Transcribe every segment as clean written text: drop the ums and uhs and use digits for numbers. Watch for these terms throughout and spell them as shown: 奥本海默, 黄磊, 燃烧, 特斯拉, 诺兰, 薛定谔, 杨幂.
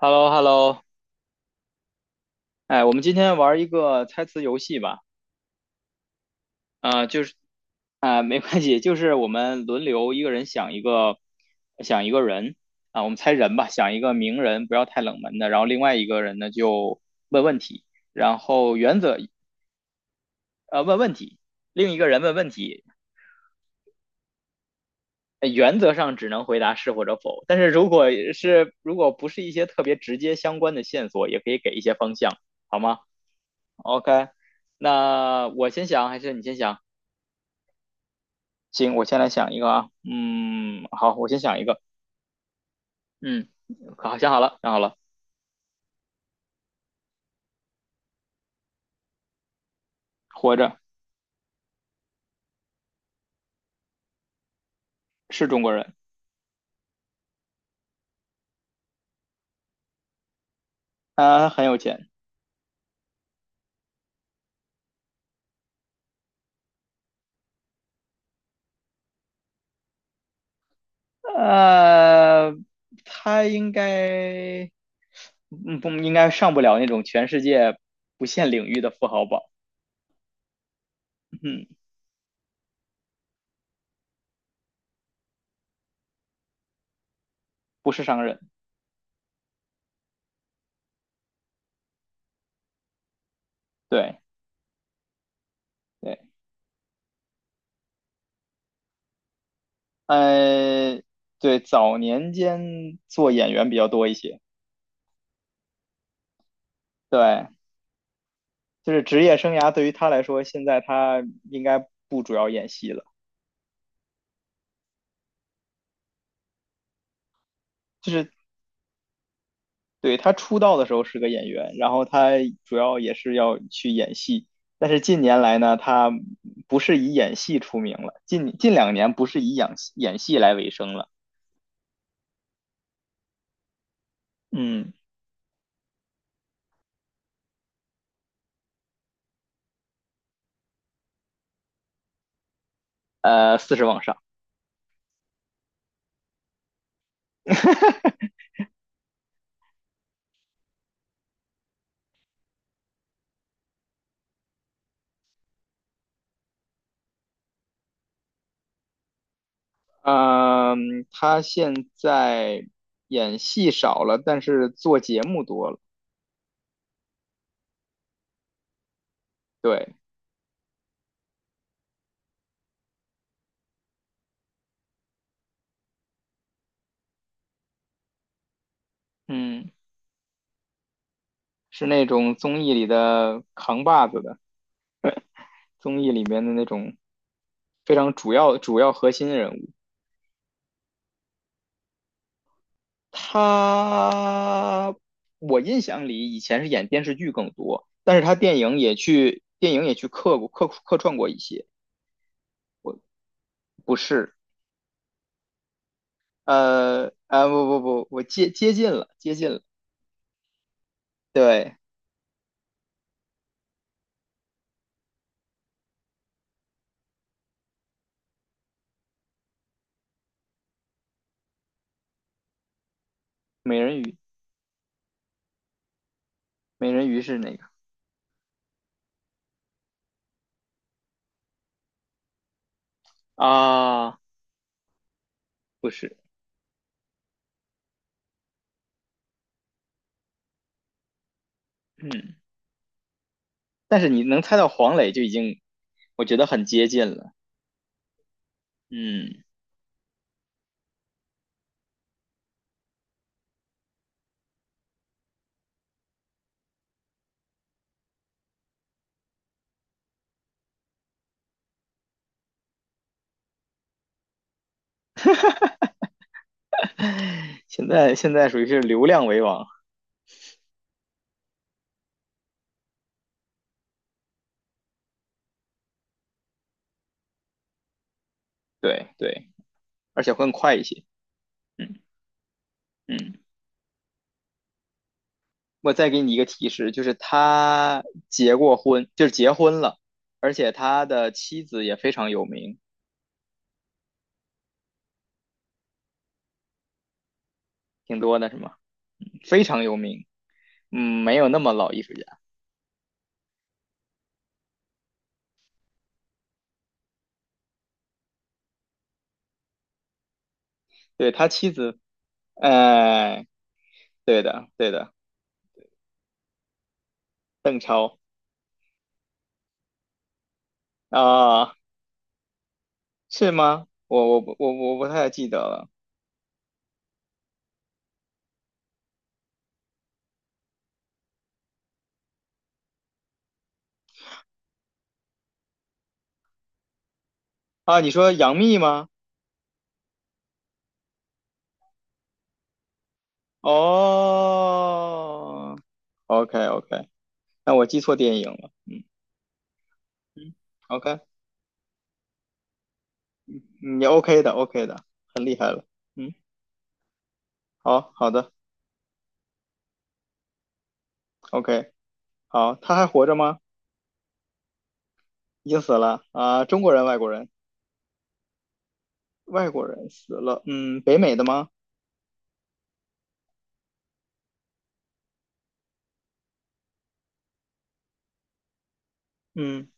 h e l l o h e l l o 哎，我们今天玩一个猜词游戏吧。啊，就是啊、没关系，就是我们轮流一个人想一个，想一个人啊、我们猜人吧，想一个名人，不要太冷门的。然后另外一个人呢就问问题，然后原则呃问问题，另一个人问问题，呃原则上只能回答是或者否。但是如果不是一些特别直接相关的线索，也可以给一些方向，好吗？OK，那我先想还是你先想？行，我先来想一个啊，嗯，好，我先想一个，嗯，好，想好了，想好了，活着，是中国人，他很有钱，呃，他应该，不，应该上不了那种全世界不限领域的富豪榜，嗯，不是商人，对，对，呃，对，早年间做演员比较多一些，对，就是职业生涯对于他来说，现在他应该不主要演戏了。就是对，他出道的时候是个演员，然后他主要也是要去演戏，但是近年来呢，他不是以演戏出名了，近2年不是以演戏来为生了。嗯，40往上，嗯，他现在演戏少了，但是做节目多了。对，嗯，是那种综艺里的扛把子的，综艺里面的那种非常主要核心人物。他，我印象里以前是演电视剧更多，但是他电影也去客串过一些，不是，不不不，我接近了，接近了，对，美人鱼，美人鱼是那个啊，不是，嗯，但是你能猜到黄磊就已经，我觉得很接近了，嗯，现在属于是流量为王，对对，而且会更快一些，嗯嗯。我再给你一个提示，就是他结过婚，就是结婚了，而且他的妻子也非常有名，挺多的是吗？非常有名，嗯，没有那么老艺术家。对，他妻子，哎，对的，对的，啊，是吗？我不太记得了啊。你说杨幂吗？哦，OK OK，那我记错电影了，嗯嗯，OK，你 OK 的 OK 的，很厉害了，嗯，好好的 OK。好，他还活着吗？已经死了啊、中国人、外国人，外国人死了。嗯，北美的吗？嗯，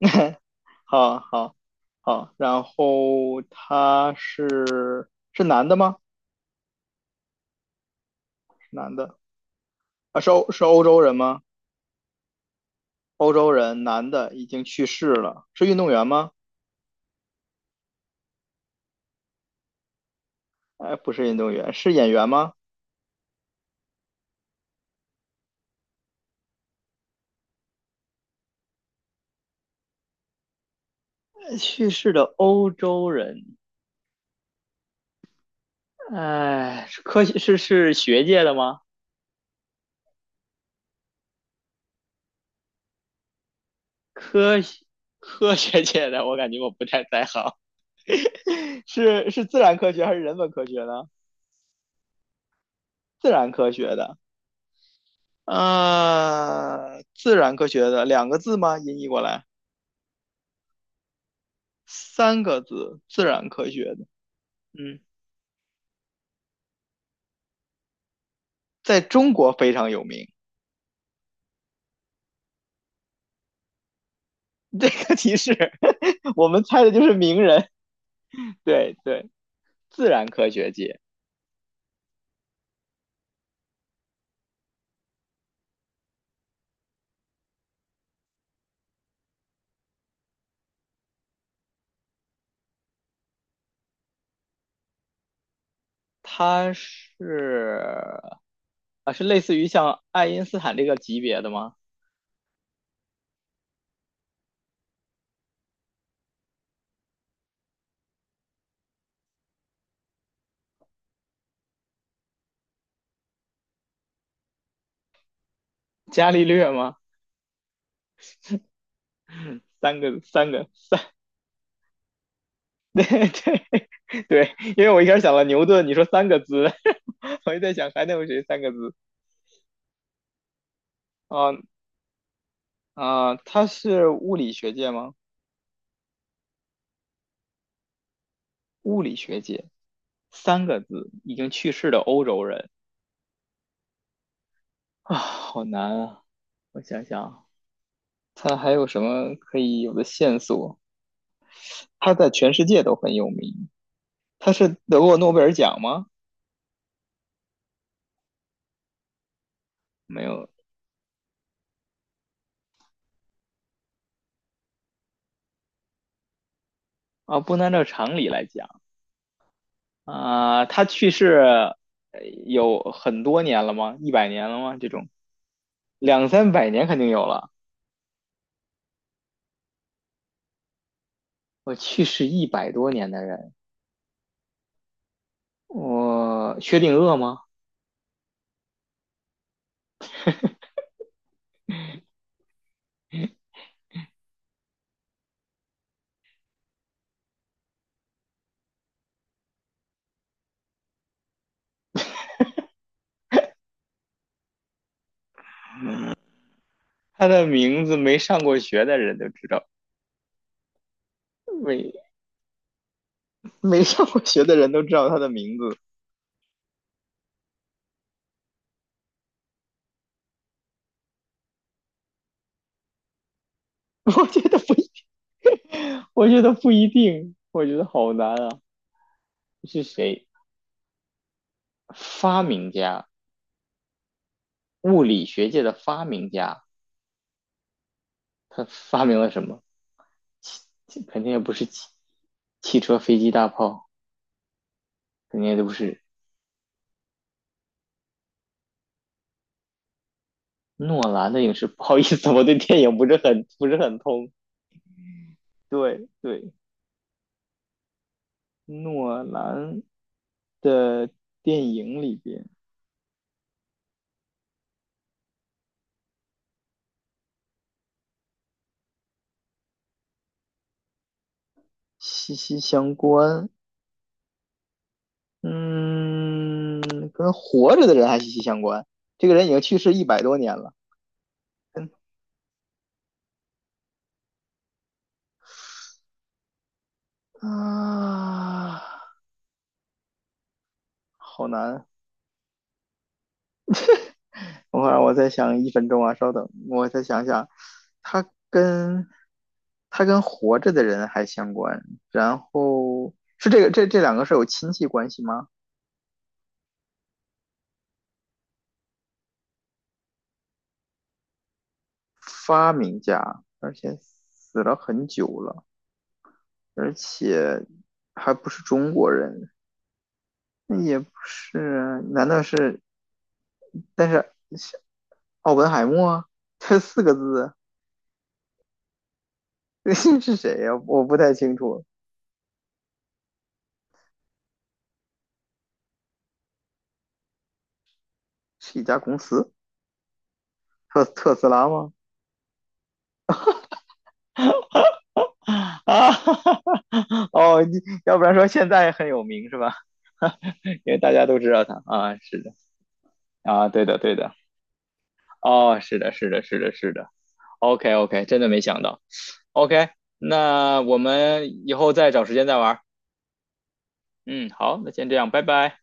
好，好，好。然后他是男的吗？是男的啊，是欧洲人吗？欧洲人，男的，已经去世了。是运动员吗？哎，不是运动员，是演员吗？去世的欧洲人，哎，是科学是是学界的吗？科学 科学界的，我感觉我不太在行。是自然科学还是人文科学呢？自然科学的，自然科学的两个字吗？音译过来三个字，自然科学的，嗯，在中国非常有名。这个提示，我们猜的就是名人，对对，自然科学界，他是啊，是类似于像爱因斯坦这个级别的吗？伽利略吗？三个三个三 对对对，因为我一开始想了牛顿，你说三个字，我就在想还能有谁三个字啊啊？他是物理学界吗？物理学界三个字，已经去世的欧洲人啊，好难啊！我想想，他还有什么可以有的线索？他在全世界都很有名，他是得过诺贝尔奖吗？没有啊，不能按照常理来讲。啊、他去世有很多年了吗？100年了吗？这种两三百年肯定有了。我去世一百多年的人，我薛定谔吗？他的名字没上过学的人都知道，没没上过学的人都知道他的名字。我觉得不一定，我觉得不一定，我觉得好难啊。是谁？发明家，物理学界的发明家，他发明了什么？肯定也不是汽车、飞机、大炮，肯定也都不是诺兰的影视。不好意思，我对电影不是很通。对对，诺兰的电影里边息息相关，嗯，跟活着的人还息息相关。这个人已经去世一百多年了，跟啊，好难。等会儿我再想1分钟啊，稍等，我再想想，他跟他跟活着的人还相关，然后是这两个是有亲戚关系吗？发明家，而且死了很久了，而且还不是中国人，那也不是，难道是？但是是奥本海默这四个字 是谁呀、我不太清楚，是一家公司，特斯拉吗？啊，哦，你要不然说现在很有名是吧？因为大家都知道他啊，是的啊，对的对的，哦，是的是的是的是的，OK OK，真的没想到，OK，那我们以后再找时间再玩儿，嗯，好，那先这样，拜拜。